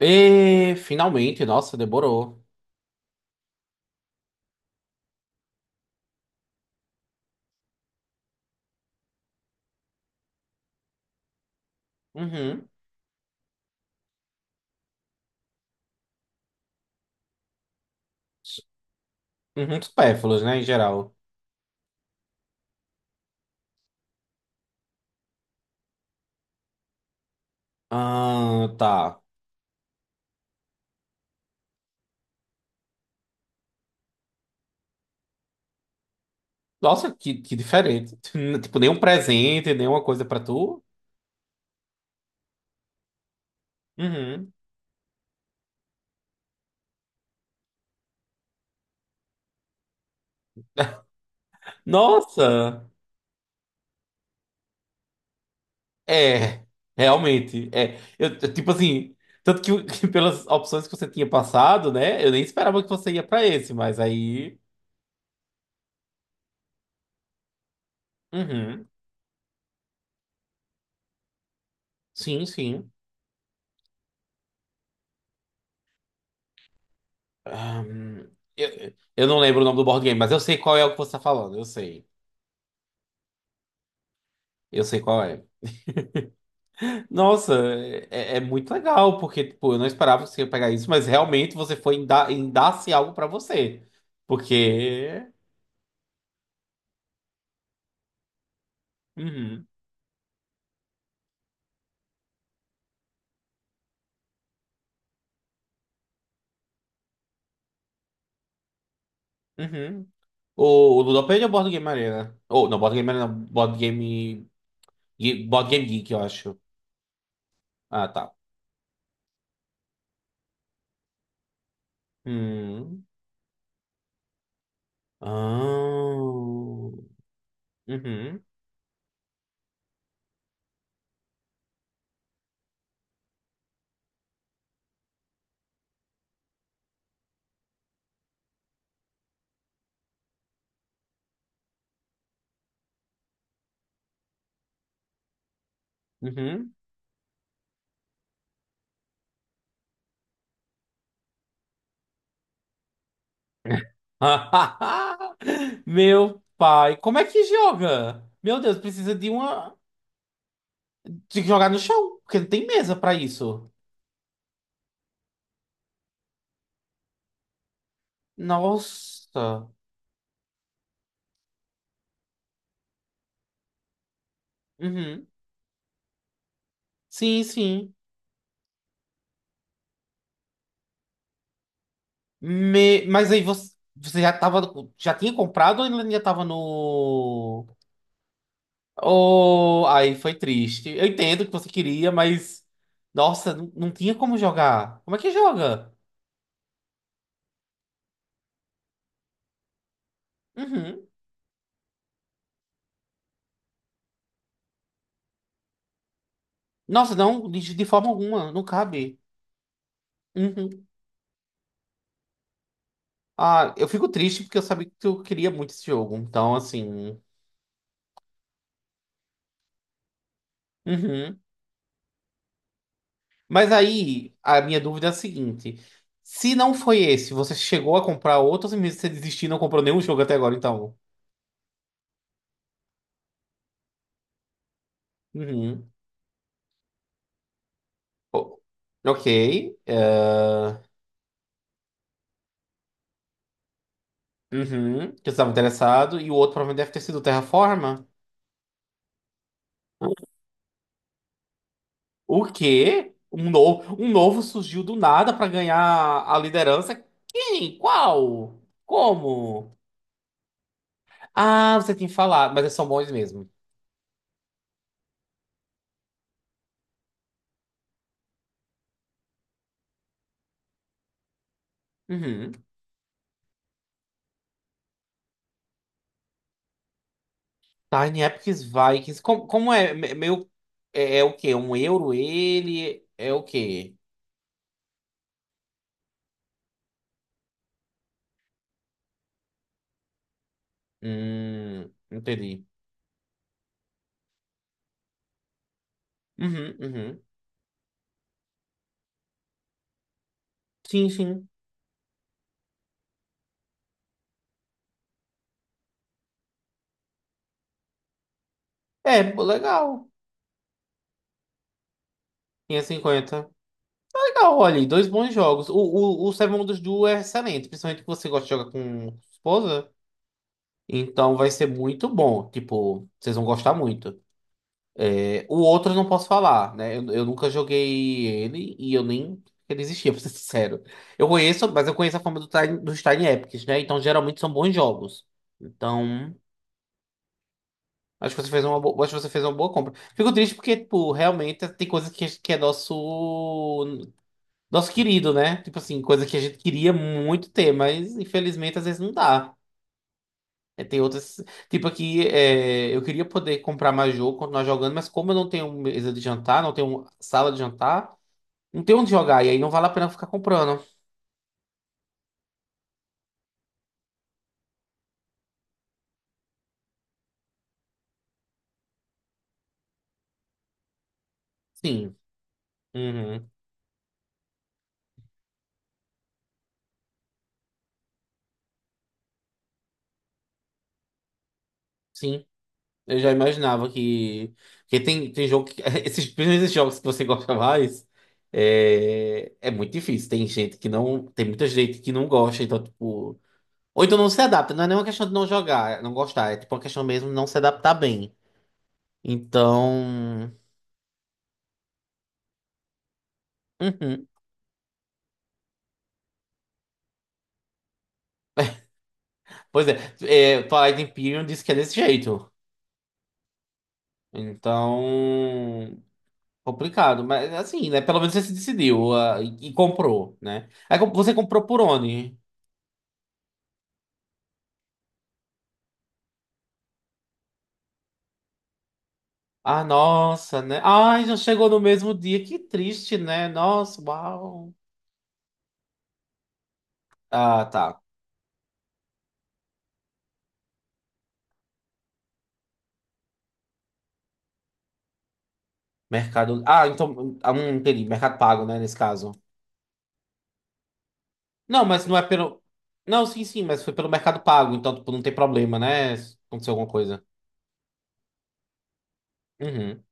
E finalmente, nossa, demorou. Uhum. S- Uhum, supérfluos, né, em geral. Ah, tá. Nossa, que diferente. Tipo, nenhum presente, nenhuma coisa pra tu. Uhum. Nossa! É, realmente. É, eu, tipo assim, tanto que, que pelas opções que você tinha passado, né, eu nem esperava que você ia pra esse, mas aí. Uhum. Sim, sim. Ahn, eu não lembro o nome do board game, mas eu sei qual é o que você tá falando, eu sei. Eu sei qual é. Nossa, é, é muito legal, porque tipo, eu não esperava que você ia pegar isso, mas realmente você foi em dar, em dar-se algo pra você. Porque. Uhum, uhum. O, o Ludopédia é o Board Game Arena? Ou, não, Board Game Arena, não, Board Game. Board Game Geek, eu acho. Ah, tá. Hum. Ah. Uhum, uhum. Meu pai, como é que joga? Meu Deus, precisa de uma. Tem que jogar no chão, porque não tem mesa pra isso. Nossa. Uhum. Sim, sim. Mas aí você já tava, já tinha comprado ou ainda tava no... Oh, aí foi triste. Eu entendo que você queria, mas... Nossa, não, não tinha como jogar. Como é que joga? Uhum. Nossa, não, de forma alguma, não cabe. Uhum. Ah, eu fico triste porque eu sabia que tu queria muito esse jogo. Então, assim... Uhum. Mas aí, a minha dúvida é a seguinte: se não foi esse, você chegou a comprar outros e mesmo você desistiu e não comprou nenhum jogo até agora, então? Uhum. O- Ok. eh, Uhum. Que você estava interessado. E o outro provavelmente deve ter sido o Terraforma. O quê? Um novo surgiu do nada para ganhar a liderança. Quem? Qual? Como? Ah, você tem falado, mas eles são bons mesmo. Uhum. Tiny Epics Vikings. Como, como é? Meio. É, é o quê? Um euro ele? É o quê? Entendi. Uhum, uhum. Sim, sim. É, pô, legal. 550. Legal, olha aí, dois bons jogos. O Seven Wonders Duel é excelente, principalmente que você gosta de jogar com esposa. Então vai ser muito bom. Tipo, vocês vão gostar muito. É, o outro eu não posso falar, né? Eu nunca joguei ele e eu nem ele existia, pra ser sincero. Eu conheço, mas eu conheço a fama do dos Tiny Epics, né? Então geralmente são bons jogos. Então, acho que você fez uma boa, acho que você fez uma boa compra. Fico triste porque, tipo, realmente tem coisa que é nosso nosso querido, né? Tipo assim, coisa que a gente queria muito ter, mas infelizmente às vezes não dá. É, tem outras. Tipo aqui, é, eu queria poder comprar mais jogo, continuar jogando, mas como eu não tenho mesa de jantar, não tenho sala de jantar. Não tem onde jogar, e aí não vale a pena ficar comprando. Sim. Uhum. Sim. Eu já imaginava que. Porque tem, tem jogo que. Esses, principalmente esses jogos que você gosta mais. É, é muito difícil. Tem gente que não. Tem muita gente que não gosta, então, tipo. Ou então não se adapta. Não é nenhuma questão de não jogar, é não gostar. É tipo uma questão mesmo de não se adaptar bem. Então. Uhum. Pois é. É Twilight Imperium, disse que é desse jeito. Então. Complicado, mas assim, né? Pelo menos você se decidiu, ah, e comprou, né? Aí você comprou por onde? Ah, nossa, né? Ai, já chegou no mesmo dia. Que triste, né? Nossa, uau. Ah, tá. Mercado. Ah, então. Ah, entendi. Mercado Pago, né? Nesse caso. Não, mas não é pelo. Não, sim, sim, mas foi pelo Mercado Pago, então, tipo, não tem problema, né? Se aconteceu alguma coisa. Uhum.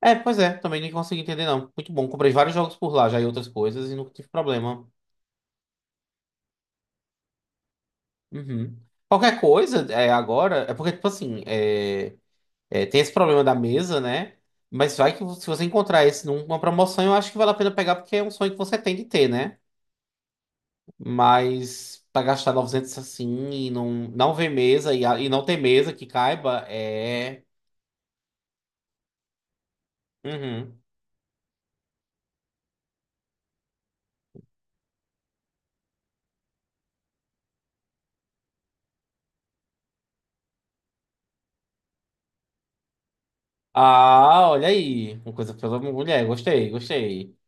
É, pois é, também nem consegui entender, não. Muito bom. Comprei vários jogos por lá já e outras coisas e nunca tive problema. Uhum. Qualquer coisa é, agora, é porque, tipo assim, é, é, tem esse problema da mesa, né? Mas vai que se você encontrar esse numa promoção, eu acho que vale a pena pegar, porque é um sonho que você tem de ter, né? Mas pra gastar 900 assim e não, não ver mesa e, e não ter mesa que caiba, é. Uhum. Ah, olha aí. Uma coisa pela mulher, gostei, gostei.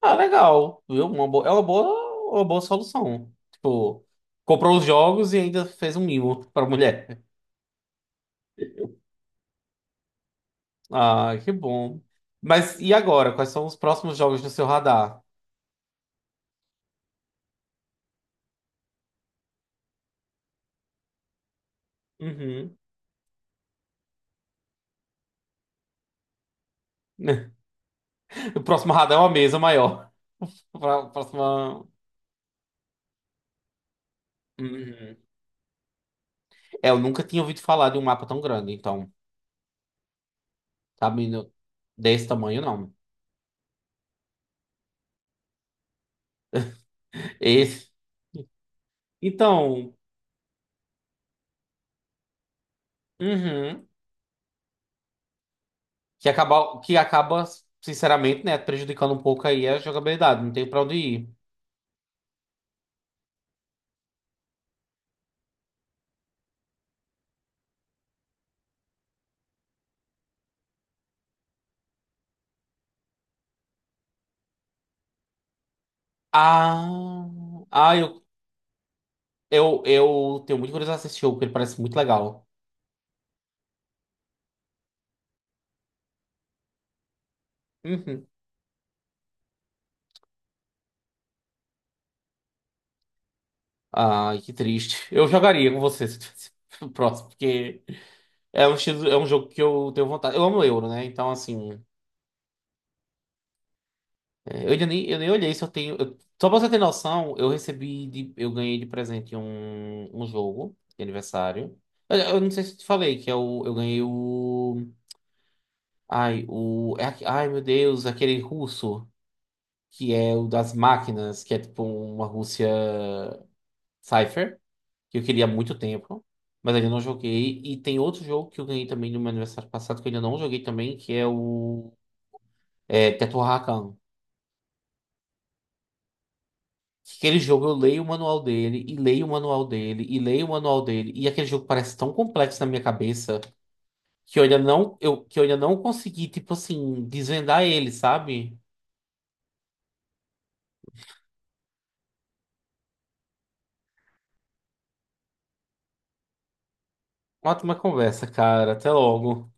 Ah, legal, viu? Uma boa, é uma boa solução. Tipo, comprou os jogos e ainda fez um mimo pra mulher. Ah, que bom. Mas e agora? Quais são os próximos jogos no seu radar? Uhum. O próximo radar é uma mesa maior. Próxima. Uhum. É, eu nunca tinha ouvido falar de um mapa tão grande, então, sabe, desse tamanho não. Esse. Então, uhum. Que acaba, sinceramente, né, prejudicando um pouco aí a jogabilidade. Não tem pra onde ir. Ah, eu, eu tenho muito curiosidade de assistir o jogo, porque ele parece muito legal. Uhum. Ai, que triste. Eu jogaria com você se tivesse próximo, porque é um, é um jogo que eu tenho vontade. Eu amo Euro, né? Então, assim, é, eu ainda nem, eu nem olhei se eu tenho. Só pra você ter noção, eu recebi, eu ganhei de presente um, um jogo de aniversário. Eu não sei se eu te falei, que é o, eu ganhei o. Ai, o. É ai, meu Deus, aquele russo, que é o das máquinas, que é tipo uma Rússia. Cypher. Que eu queria há muito tempo, mas ainda não joguei. E tem outro jogo que eu ganhei também no meu aniversário passado, que eu ainda não joguei também, que é o Teto Rakan. Que aquele jogo eu leio o manual dele, e leio o manual dele, e leio o manual dele, e aquele jogo parece tão complexo na minha cabeça que eu ainda não, eu, que eu ainda não consegui, tipo assim, desvendar ele, sabe? Ótima conversa, cara. Até logo.